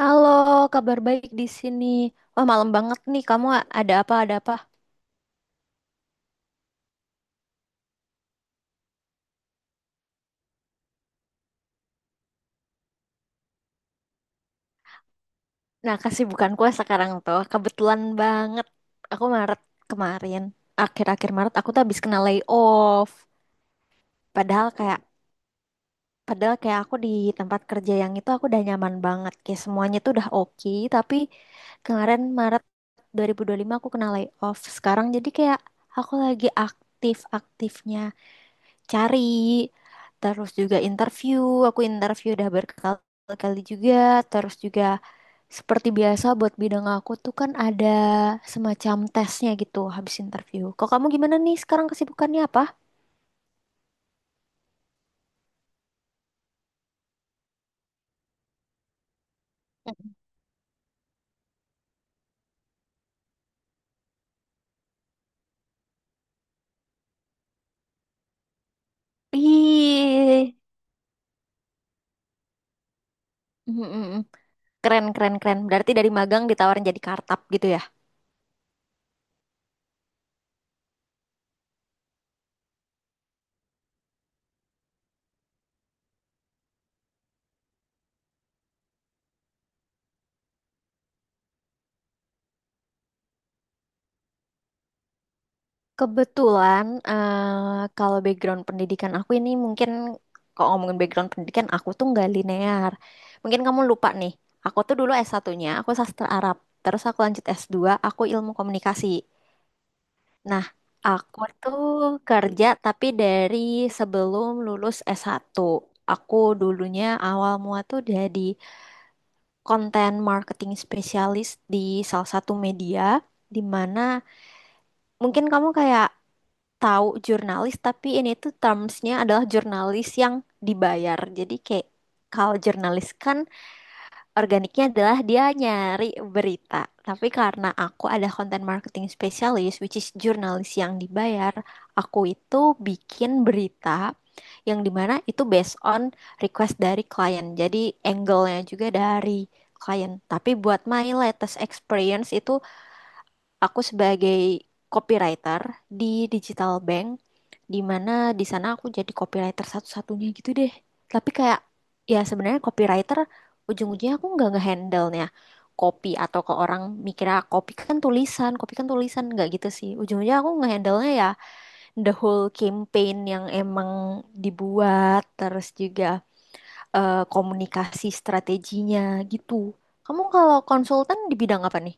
Halo, kabar baik di sini. Wah, malam banget nih. Kamu ada apa? Ada apa? Nah, kesibukanku sekarang tuh kebetulan banget. Aku Maret kemarin, akhir-akhir Maret aku tuh habis kena layoff. Padahal kayak padahal kayak aku di tempat kerja yang itu aku udah nyaman banget. Kayak semuanya tuh udah oke, tapi kemarin Maret dua 2025 aku kena layoff. Sekarang jadi kayak aku lagi aktif-aktifnya. Cari, terus juga interview, aku interview udah berkali-kali juga, terus juga seperti biasa buat bidang aku tuh kan ada semacam tesnya gitu habis interview. Kok kamu gimana nih sekarang kesibukannya apa? Ih. mm, mm, mm. Keren keren keren, berarti dari magang ditawarin jadi kartap gitu ya. Kebetulan, kalau background pendidikan aku ini mungkin kalau ngomongin background pendidikan aku tuh nggak linear. Mungkin kamu lupa nih, aku tuh dulu S1-nya, aku sastra Arab. Terus aku lanjut S2, aku ilmu komunikasi. Nah, aku tuh kerja tapi dari sebelum lulus S1. Aku dulunya awal mua tuh jadi content marketing spesialis di salah satu media, di mana mungkin kamu kayak tahu jurnalis, tapi ini tuh termsnya adalah jurnalis yang dibayar. Jadi kayak kalau jurnalis kan organiknya adalah dia nyari berita, tapi karena aku ada content marketing specialist, which is jurnalis yang dibayar, aku itu bikin berita yang dimana itu based on request dari klien, jadi angle-nya juga dari klien. Tapi buat my latest experience itu aku sebagai copywriter di digital bank, di mana di sana aku jadi copywriter satu-satunya gitu deh. Tapi kayak ya sebenarnya copywriter, ujung-ujungnya aku nggak ngehandle-nya copy. Atau ke orang mikirnya copy kan tulisan, copy kan tulisan, nggak gitu sih. Ujung-ujungnya aku ngehandle-nya ya the whole campaign yang emang dibuat, terus juga komunikasi strateginya gitu. Kamu kalau konsultan di bidang apa nih?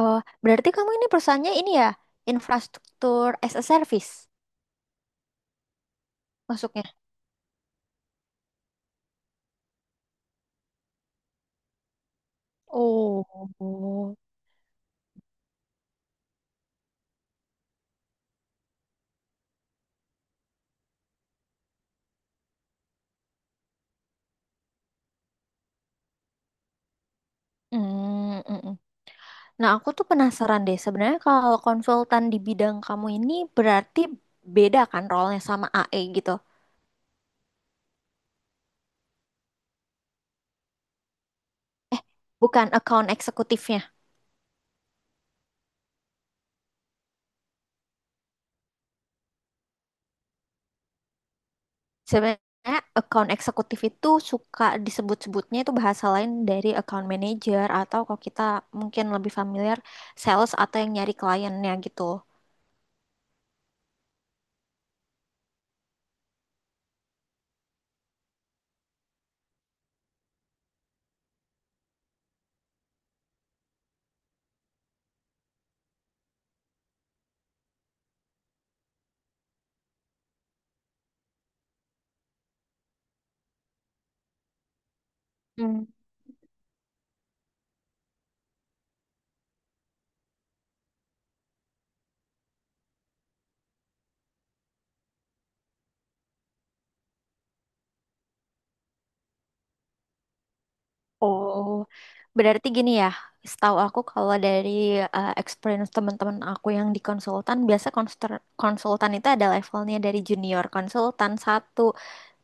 Oh, berarti kamu ini perusahaannya ini ya, infrastruktur as a service masuknya. Oh. Hmm. Mm. Nah, aku tuh penasaran deh. Sebenarnya kalau konsultan di bidang kamu ini berarti beda kan role-nya sama AE gitu. Bukan account eksekutifnya. Sebenarnya account eksekutif itu suka disebut-sebutnya itu bahasa lain dari account manager, atau kalau kita mungkin lebih familiar, sales atau yang nyari kliennya gitu. Oh, berarti gini ya, setahu aku kalau dari experience teman-teman aku yang di konsultan, biasa konsultan itu ada levelnya dari junior konsultan satu,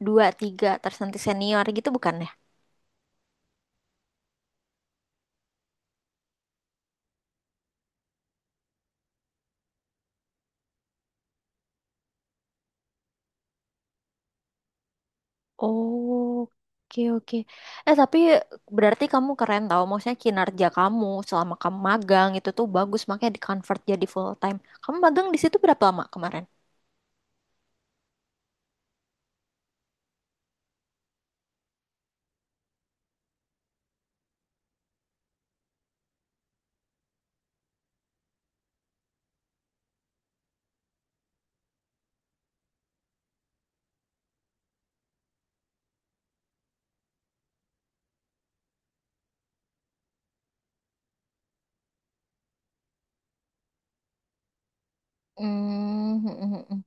dua, tiga, terus nanti senior gitu, bukan ya? Oh, oke oke. Eh tapi berarti kamu keren tau, maksudnya kinerja kamu selama kamu magang itu tuh bagus, makanya di convert jadi full time. Kamu magang di situ berapa lama kemarin? Hmm.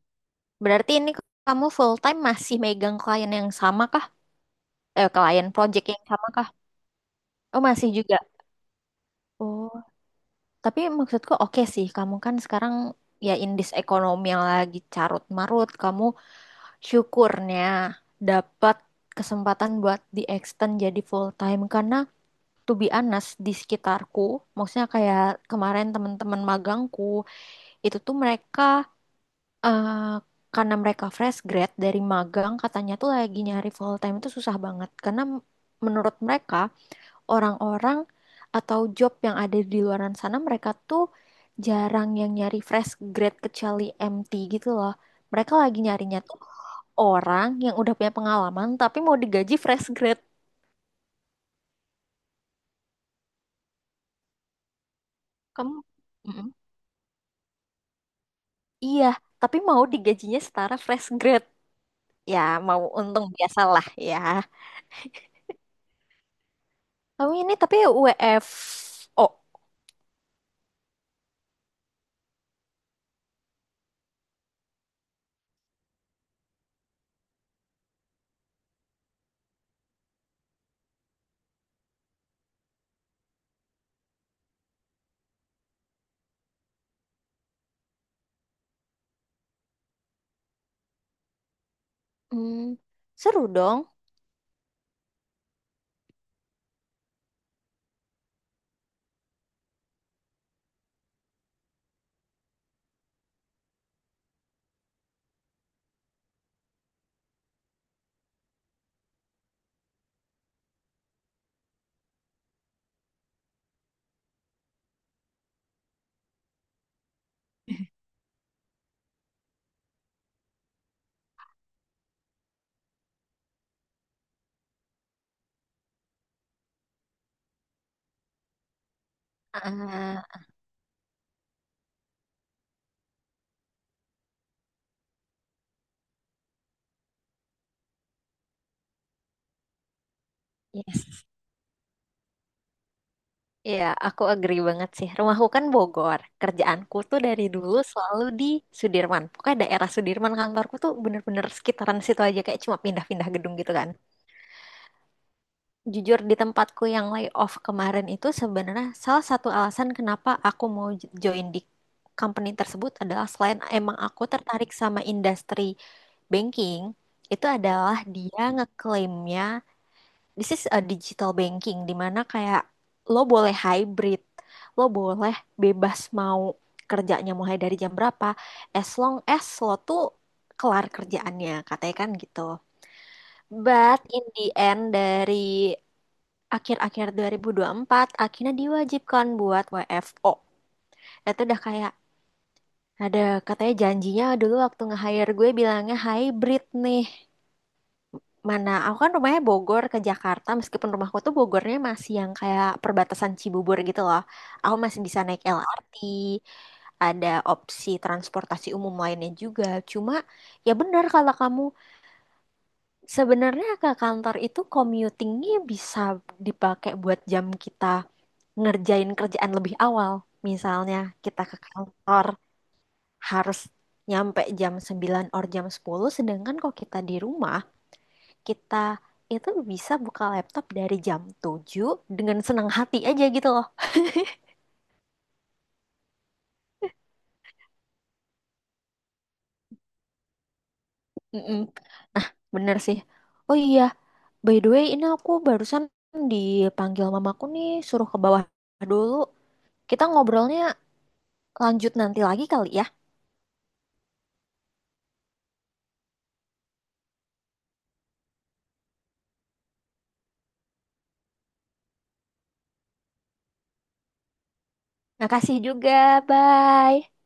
Berarti ini kamu full time masih megang klien yang sama kah? Eh, klien project yang sama kah? Oh, masih juga. Oh, tapi maksudku oke sih. Kamu kan sekarang ya in this ekonomi yang lagi carut marut, kamu syukurnya dapat kesempatan buat di extend jadi full time, karena to be honest di sekitarku, maksudnya kayak kemarin teman-teman magangku, itu tuh mereka eh karena mereka fresh grad dari magang, katanya tuh lagi nyari full time itu susah banget karena menurut mereka orang-orang atau job yang ada di luaran sana, mereka tuh jarang yang nyari fresh grad kecuali MT gitu loh. Mereka lagi nyarinya tuh orang yang udah punya pengalaman tapi mau digaji fresh grad. Kamu. Mm-mm. Iya, tapi mau digajinya setara fresh grad, ya mau untung biasalah ya. Kamu ini tapi WFO? Hmm, seru dong. Ah, yes. Iya, aku agree banget sih. Rumahku kan Bogor. Kerjaanku tuh dari dulu selalu di Sudirman. Pokoknya daerah Sudirman, kantorku tuh bener-bener sekitaran situ aja. Kayak cuma pindah-pindah gedung gitu kan. Jujur di tempatku yang layoff kemarin itu sebenarnya salah satu alasan kenapa aku mau join di company tersebut adalah selain emang aku tertarik sama industri banking, itu adalah dia ngeklaimnya this is a digital banking di mana kayak lo boleh hybrid, lo boleh bebas mau kerjanya mulai dari jam berapa, as long as lo tuh kelar kerjaannya, katanya kan gitu. But in the end dari akhir-akhir 2024 akhirnya diwajibkan buat WFO. Itu udah kayak ada, katanya janjinya dulu waktu nge-hire gue bilangnya hybrid nih. Mana, aku kan rumahnya Bogor ke Jakarta, meskipun rumahku tuh Bogornya masih yang kayak perbatasan Cibubur gitu loh. Aku masih bisa naik LRT, ada opsi transportasi umum lainnya juga. Cuma ya benar, kalau kamu sebenarnya ke kantor itu commutingnya bisa dipakai buat jam kita ngerjain kerjaan lebih awal. Misalnya kita ke kantor harus nyampe jam 9 or jam 10, sedangkan kalau kita di rumah, kita itu bisa buka laptop dari jam 7 dengan senang hati aja gitu loh. Mm-mm, bener sih. Oh iya, by the way ini aku barusan dipanggil mamaku nih, suruh ke bawah dulu. Kita ngobrolnya lanjut nanti lagi kali ya. Makasih juga, bye.